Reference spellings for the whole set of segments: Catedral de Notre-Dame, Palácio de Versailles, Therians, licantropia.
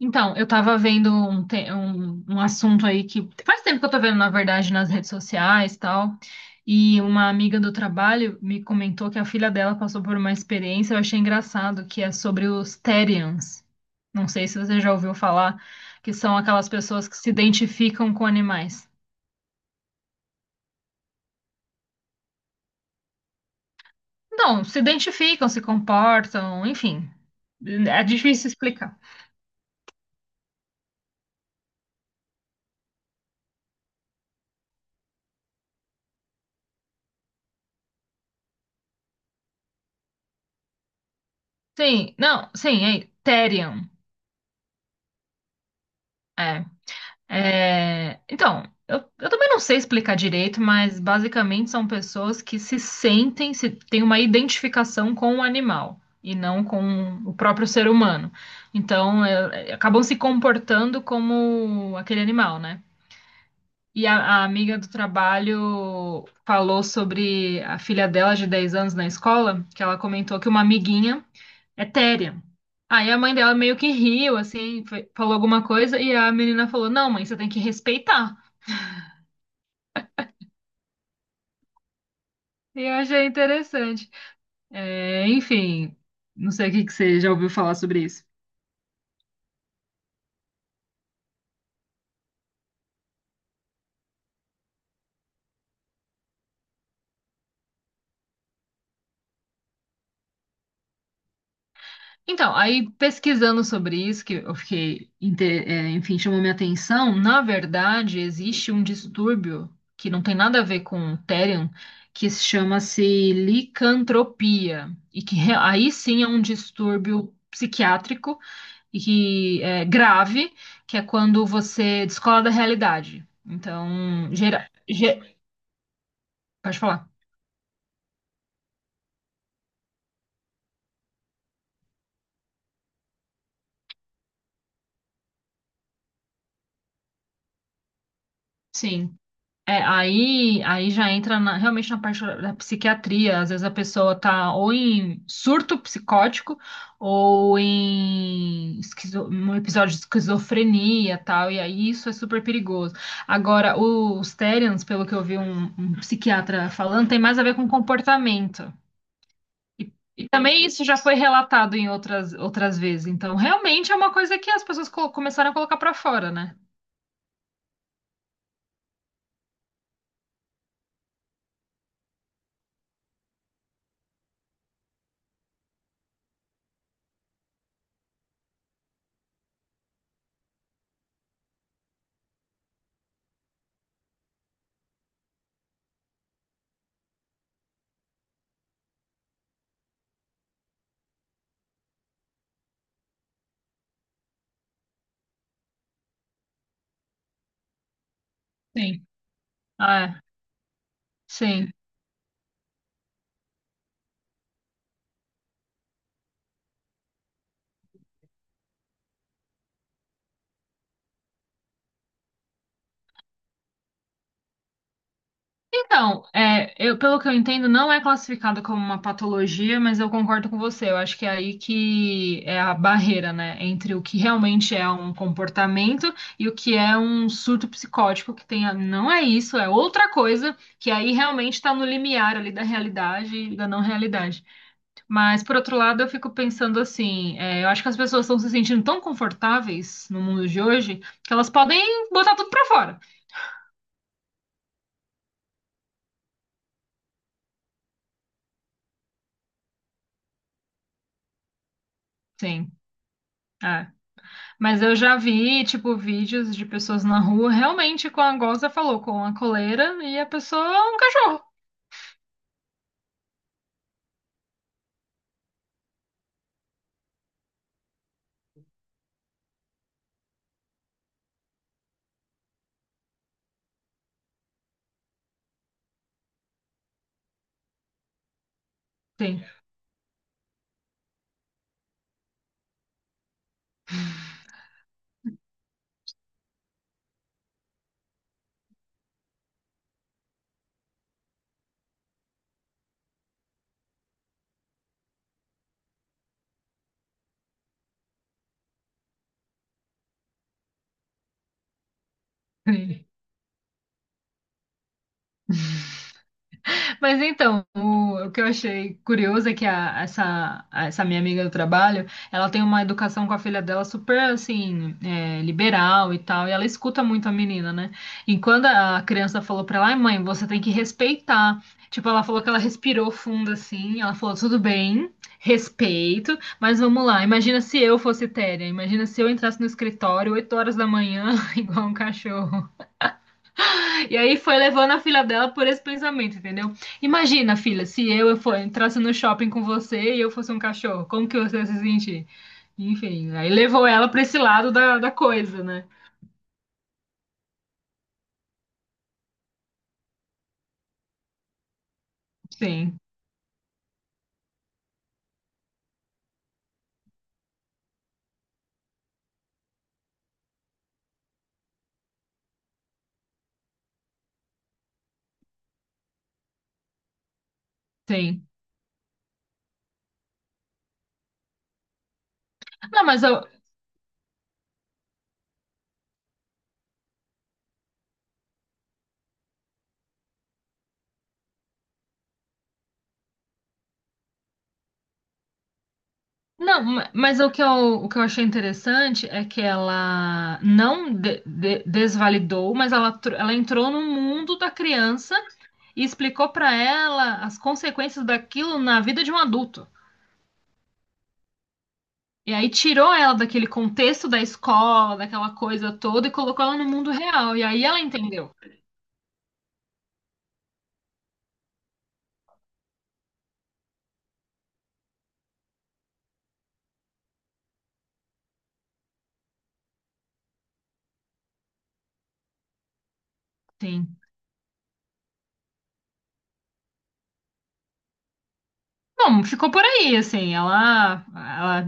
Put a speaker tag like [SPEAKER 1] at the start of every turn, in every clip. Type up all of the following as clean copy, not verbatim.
[SPEAKER 1] Eu tava vendo um assunto aí que faz tempo que eu tô vendo, na verdade, nas redes sociais e tal. E uma amiga do trabalho me comentou que a filha dela passou por uma experiência, eu achei engraçado, que é sobre os Therians. Não sei se você já ouviu falar, que são aquelas pessoas que se identificam com animais. Não, se identificam, se comportam, enfim. É difícil explicar. Sim, não, sim, é Therian. É. Então, eu também não sei explicar direito, mas basicamente são pessoas que se sentem, se têm uma identificação com o animal e não com o próprio ser humano. Então acabam se comportando como aquele animal, né? E a, a amiga do trabalho falou sobre a filha dela de 10 anos na escola, que ela comentou que uma amiguinha é téria. Aí a mãe dela meio que riu, assim, falou alguma coisa, e a menina falou: Não, mãe, você tem que respeitar. Eu achei interessante. Enfim, não sei o que que você já ouviu falar sobre isso. Então, aí pesquisando sobre isso, que eu fiquei, enfim, chamou minha atenção, na verdade, existe um distúrbio que não tem nada a ver com o Therion, que se chama-se licantropia, e que aí sim é um distúrbio psiquiátrico e que é grave, que é quando você descola da realidade. Então, pode falar. Sim. É, aí já entra realmente na parte da psiquiatria. Às vezes a pessoa tá ou em surto psicótico ou em um episódio de esquizofrenia tal, e aí isso é super perigoso. Agora, os Therians, pelo que eu vi um psiquiatra falando, tem mais a ver com comportamento. E, e também Uhum. isso já foi relatado em outras vezes. Então, realmente é uma coisa que as pessoas começaram a colocar pra fora, né? Sim. Ah, é. Sim. Pelo que eu entendo, não é classificada como uma patologia, mas eu concordo com você. Eu acho que é aí que é a barreira, né, entre o que realmente é um comportamento e o que é um surto psicótico, que tem, não é isso, é outra coisa, que aí realmente está no limiar ali da realidade e da não realidade. Mas, por outro lado, eu fico pensando assim, é, eu acho que as pessoas estão se sentindo tão confortáveis no mundo de hoje que elas podem botar tudo pra fora. Sim. É. Mas eu já vi, tipo, vídeos de pessoas na rua, realmente, com a goza falou, com a coleira e a pessoa é um cachorro. Sim. Mas então, o que eu achei curioso é que essa minha amiga do trabalho, ela tem uma educação com a filha dela super, assim, é, liberal e tal, e ela escuta muito a menina, né? E quando a criança falou pra ela, ai mãe, você tem que respeitar. Tipo, ela falou que ela respirou fundo, assim, ela falou, tudo bem, respeito, mas vamos lá, imagina se eu fosse Téria, imagina se eu entrasse no escritório 8 horas da manhã, igual um cachorro. E aí foi levando a filha dela por esse pensamento, entendeu? Imagina, filha, se eu entrasse no shopping com você e eu fosse um cachorro, como que você ia se sentir? Enfim, aí levou ela pra esse lado da coisa, né? Sim, sim. Não, mas eu, não, ma- mas o que eu achei interessante é que ela não desvalidou, mas ela, ela entrou no mundo da criança e explicou pra ela as consequências daquilo na vida de um adulto. E aí tirou ela daquele contexto da escola, daquela coisa toda, e colocou ela no mundo real. E aí ela entendeu. Sim. Bom, ficou por aí, assim. Ela, ela,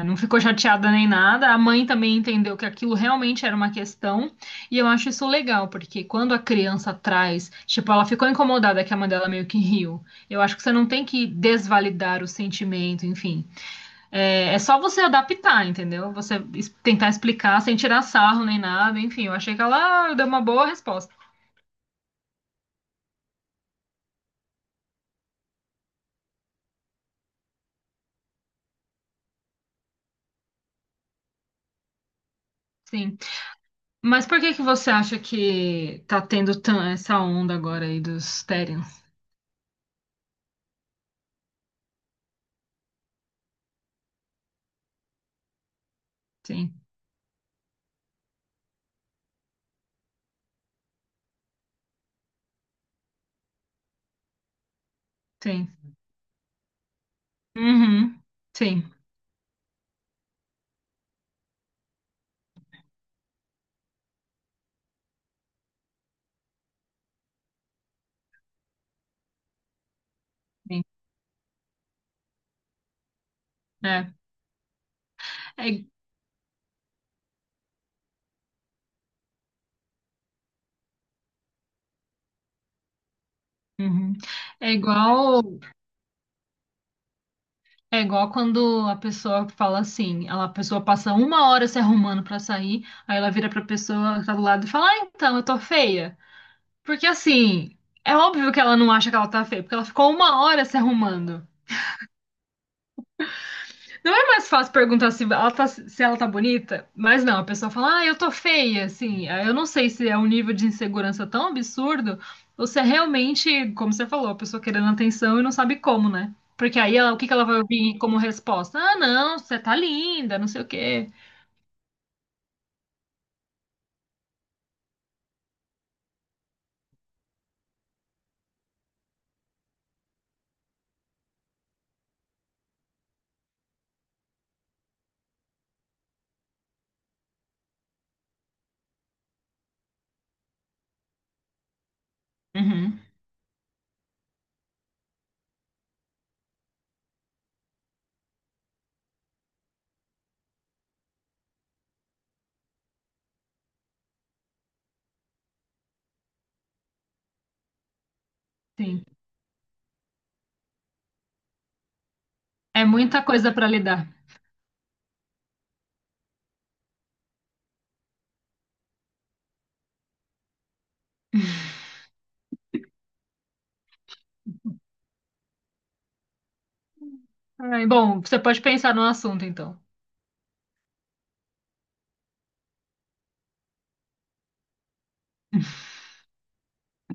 [SPEAKER 1] é, não ficou chateada nem nada. A mãe também entendeu que aquilo realmente era uma questão. E eu acho isso legal, porque quando a criança traz, tipo, ela ficou incomodada que a mãe dela meio que riu. Eu acho que você não tem que desvalidar o sentimento, enfim. É, é só você adaptar, entendeu? Tentar explicar sem tirar sarro nem nada. Enfim, eu achei que ela deu uma boa resposta. Sim. Mas por que que você acha que tá tendo essa onda agora aí dos Therians? Sim, sim. Uhum. Sim, sim. É. É, uhum. É igual, é igual quando a pessoa fala assim, ela, a pessoa passa uma hora se arrumando pra sair, aí ela vira pra pessoa que tá do lado e fala, ah, então, eu tô feia. Porque assim, é óbvio que ela não acha que ela tá feia, porque ela ficou uma hora se arrumando. Não é mais fácil perguntar se ela tá, se ela tá bonita, mas não, a pessoa fala, ah, eu tô feia, assim. Ah, eu não sei se é um nível de insegurança tão absurdo, ou se é realmente, como você falou, a pessoa querendo atenção e não sabe como, né? Porque aí o que que ela vai ouvir como resposta? Ah, não, você tá linda, não sei o quê. Uhum, sim. É muita coisa pra lidar. Ai, bom, você pode pensar no assunto, então.